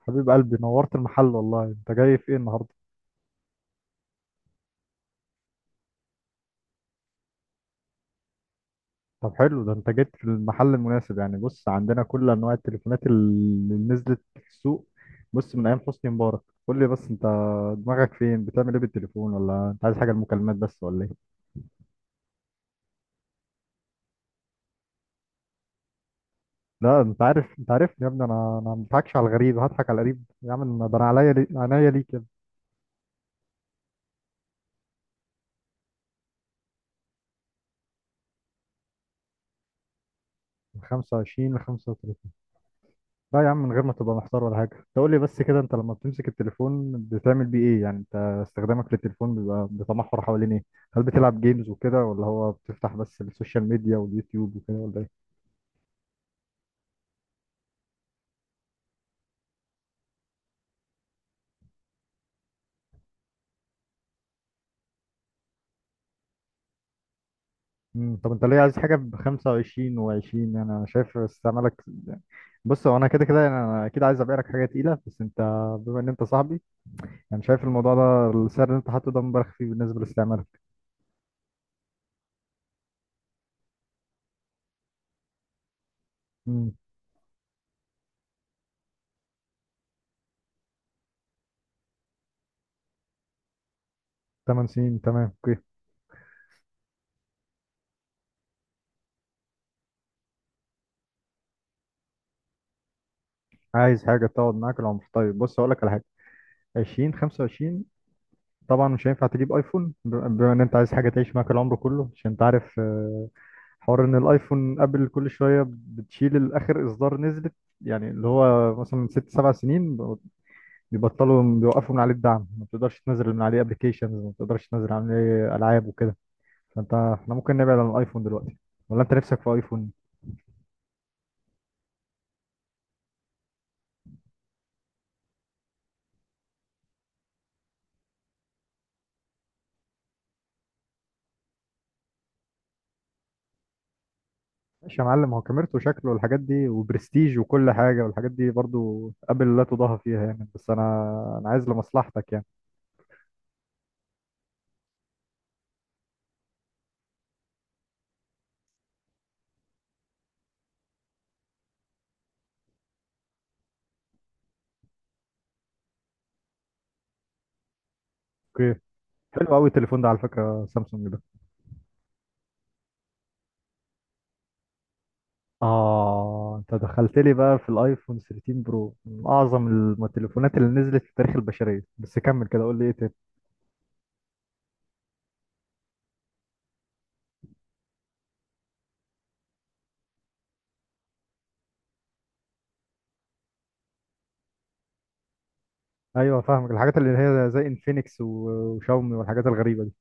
حبيب قلبي، نورت المحل، والله انت جاي في ايه النهارده؟ طب حلو، ده انت جيت في المحل المناسب. يعني بص، عندنا كل انواع التليفونات اللي نزلت في السوق، بص من ايام حسني مبارك. قول لي بس انت دماغك فين، بتعمل ايه بالتليفون؟ ولا انت عايز حاجه المكالمات بس ولا ايه؟ لا، انت عارف، يا ابني، انا ما بضحكش على الغريب، هضحك على القريب يا عم، ده انا عينيا ليك يا ابني. من 25 ل 35. لا يا عم، من غير ما تبقى محتار ولا حاجة. تقول لي بس كده، انت لما بتمسك التليفون بتعمل بيه ايه؟ يعني انت استخدامك للتليفون بيبقى بيتمحور حوالين ايه؟ هل بتلعب جيمز وكده، ولا هو بتفتح بس السوشيال ميديا واليوتيوب وكده، ولا ايه؟ مم. طب انت ليه عايز حاجة ب 25 و20؟ يعني انا شايف استعمالك. بص هو انا كده كده، يعني انا اكيد عايز ابيع لك حاجة تقيلة، بس انت بما ان انت صاحبي، يعني شايف الموضوع ده، السعر اللي انت حاطه ده مبالغ فيه بالنسبة لاستعمالك. امم. 8 سنين، تمام، اوكي. عايز حاجة تقعد معاك العمر، طيب بص هقول لك على حاجة. 20، 25. طبعا مش هينفع تجيب ايفون بما ان انت عايز حاجه تعيش معاك العمر كله. عشان انت عارف، حوار ان الايفون ابل كل شويه بتشيل الاخر اصدار نزلت. يعني اللي هو مثلا من ست سبع سنين بيبطلوا، بيوقفوا من عليه الدعم، ما بتقدرش تنزل من عليه ابلكيشنز، ما بتقدرش تنزل عليه العاب وكده. فانت احنا ممكن نبعد عن الايفون دلوقتي، ولا انت نفسك في ايفون؟ ماشي يا معلم، هو كاميرته وشكله والحاجات دي وبرستيج وكل حاجه، والحاجات دي برضو ابل لا تضاهى فيها يعني. بس انا عايز لمصلحتك يعني. اوكي. حلو قوي التليفون ده على فكرة، سامسونج ده. اه، انت دخلت لي بقى في الايفون 13 برو، من اعظم التليفونات اللي نزلت في تاريخ البشرية. بس كمل كده، قول لي ايه تاني؟ ايوه فاهمك، الحاجات اللي هي زي انفينكس وشاومي والحاجات الغريبة دي.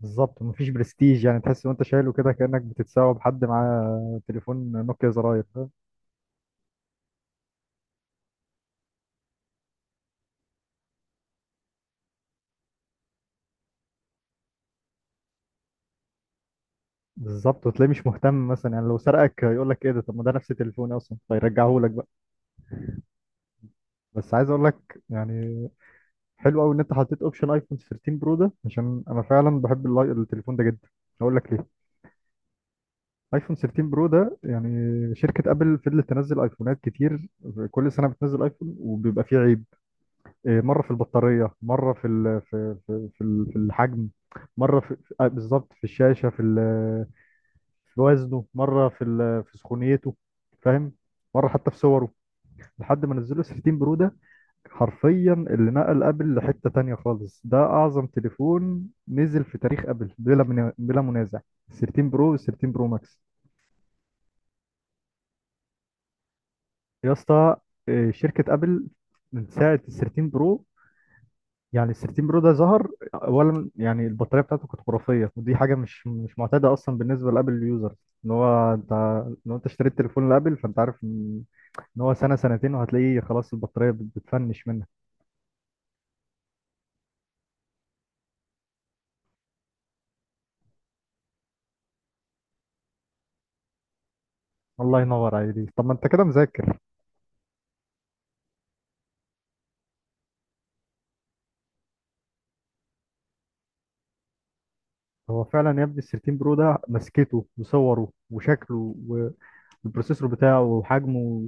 بالظبط، مفيش برستيج. يعني تحس وانت شايله كده كأنك بتتساوى بحد معاه تليفون نوكيا زراير، فاهم؟ بالظبط. وتلاقيه مش مهتم مثلا، يعني لو سرقك يقول لك ايه ده؟ طب ما ده نفس تليفوني اصلا، فيرجعه لك بقى. بس عايز اقول لك يعني، حلو قوي ان انت حطيت اوبشن ايفون 13 برو ده، عشان انا فعلا بحب التليفون ده جدا. هقول لك ليه. ايفون 13 برو ده يعني، شركه ابل فضلت تنزل ايفونات كتير، كل سنه بتنزل ايفون وبيبقى فيه عيب. مره في البطاريه، مره في في الحجم، مره بالظبط في الشاشه، في وزنه، مره في سخونيته، فاهم؟ مره حتى في صوره. لحد ما نزلوا 13 برو ده، حرفيا اللي نقل ابل لحتة تانية خالص. ده اعظم تليفون نزل في تاريخ ابل، بلا منازع. 13 برو وال 13 برو ماكس. يا اسطى، شركة ابل من ساعة ال 13 برو. يعني ال 13 برو ده ظهر اولا، يعني البطارية بتاعته كانت خرافية، ودي حاجة مش معتادة اصلا بالنسبة لابل اليوزر. ان هو انت، لو انت اشتريت تليفون لابل، فانت عارف ان إن هو سنة سنتين وهتلاقيه خلاص البطارية بتفنش منك. الله ينور عليك، طب ما انت كده مذاكر. هو فعلا يا ابني ال 13 برو ده، مسكته وصوره وشكله والبروسيسور بتاعه وحجمه،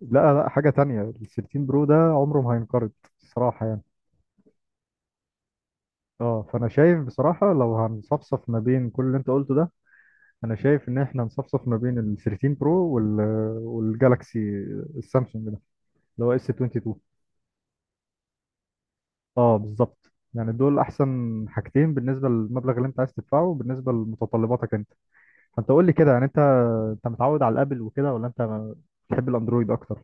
لا لا حاجة تانية. ال 13 برو ده عمره ما هينقرض، الصراحة يعني. اه، فانا شايف بصراحة، لو هنصفصف ما بين كل اللي انت قلته ده، انا شايف ان احنا نصفصف ما بين ال 13 برو والجالكسي، السامسونج ده، اللي هو اس 22. اه بالظبط، يعني دول احسن حاجتين بالنسبة للمبلغ اللي انت عايز تدفعه، بالنسبة لمتطلباتك انت. فانت قول لي كده يعني، انت متعود على الابل وكده، ولا انت بتحب الاندرويد اكتر؟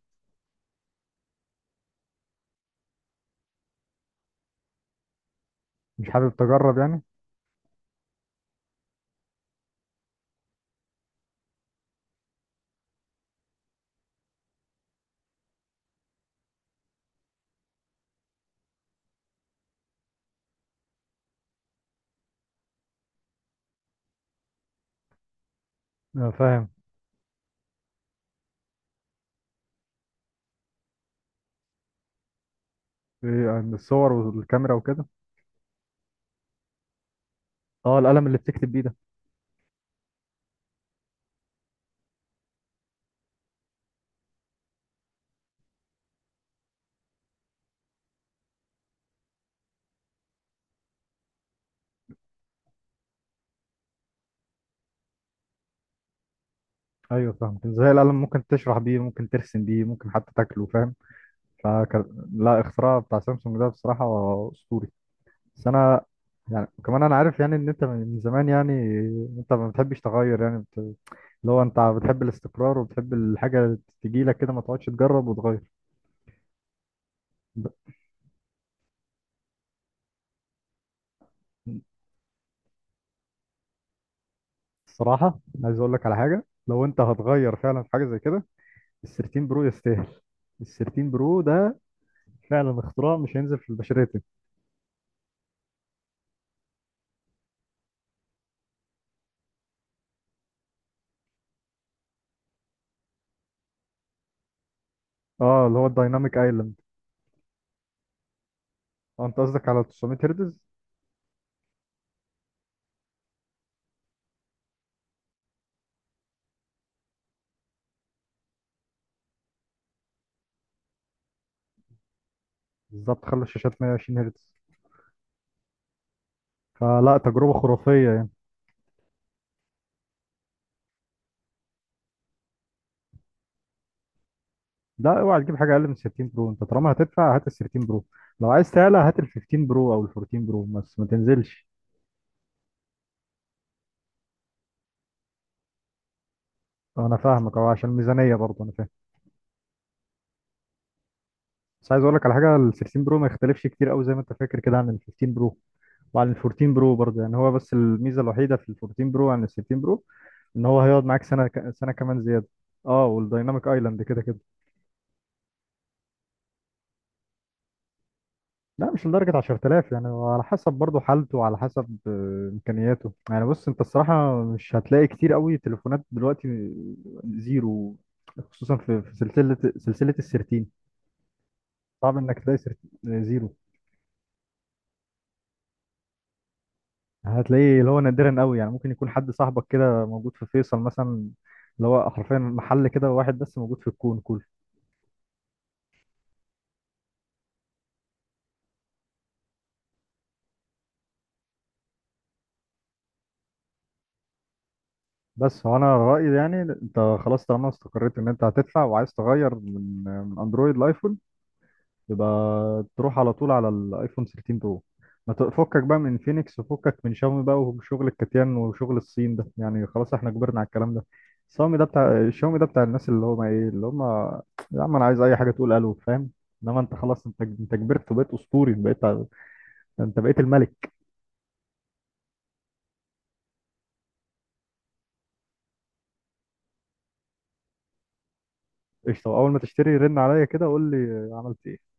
مش حابب تجرب يعني؟ اه فاهم. ايه عن الصور والكاميرا وكده؟ اه، القلم اللي بتكتب بيه ده. ايوه، فاهم ازاي. القلم ممكن تشرح بيه، ممكن ترسم بيه، ممكن حتى تاكله، فاهم. فك... لا، اختراع بتاع سامسونج ده بصراحة اسطوري. بس انا يعني، كمان انا عارف يعني ان انت من زمان يعني، انت ما بتحبش تغير يعني، اللي هو انت بتحب الاستقرار وبتحب الحاجة تجي لك كده، ما تقعدش تجرب وتغير. الصراحة عايز اقول لك على حاجة، لو انت هتغير فعلا في حاجة زي كده، ال 13 برو يستاهل. ال 13 برو ده فعلا اختراع مش هينزل في البشرية تاني. اه، اللي هو الدايناميك ايلاند. اه انت قصدك على 900 هرتز. بالظبط، خلوا الشاشات 120 هرتز. فلا، تجربة خرافية يعني. لا، اوعى تجيب حاجة اقل من 13 برو. انت طالما هتدفع، هات ال 13 برو. لو عايز تعلى، هات ال 15 برو او ال 14 برو، بس ما تنزلش. انا فاهمك، اه عشان ميزانية برضه، انا فاهم. بس عايز اقول لك على حاجة، ال 13 برو ما يختلفش كتير قوي زي ما انت فاكر كده عن ال 15 برو، وعلى ال 14 برو برضه يعني. هو بس الميزه الوحيده في ال 14 برو عن ال 16 برو، ان هو هيقعد معاك سنه سنه كمان زياده. اه والدايناميك ايلاند كده كده. لا، مش لدرجه 10,000، يعني هو على حسب برضه حالته، وعلى حسب امكانياته يعني. بص انت الصراحه مش هتلاقي كتير قوي تليفونات دلوقتي زيرو، خصوصا في سلسله ال 13. صعب انك تلاقي زيرو. هتلاقيه اللي هو نادرا قوي يعني، ممكن يكون حد صاحبك كده موجود في فيصل مثلا، اللي هو حرفيا محل كده واحد بس موجود في الكون كله. بس هو انا رايي يعني، انت خلاص طالما استقريت ان انت هتدفع وعايز تغير من اندرويد لايفون، يبقى تروح على طول على الايفون 13 برو. ما تفكك بقى من فينيكس، وفكك من شاومي بقى، وشغل الكتيان وشغل الصين ده، يعني خلاص احنا كبرنا على الكلام ده. شاومي ده بتاع، شاومي ده بتاع الناس اللي هم ايه، اللي هم يا عم انا عايز اي حاجه تقول الو، فاهم؟ انما انت خلاص، انت كبرت وبقيت اسطوري بقيت، انت بقيت الملك. قشطه، اول ما تشتري رن عليا كده قول لي عملت ايه.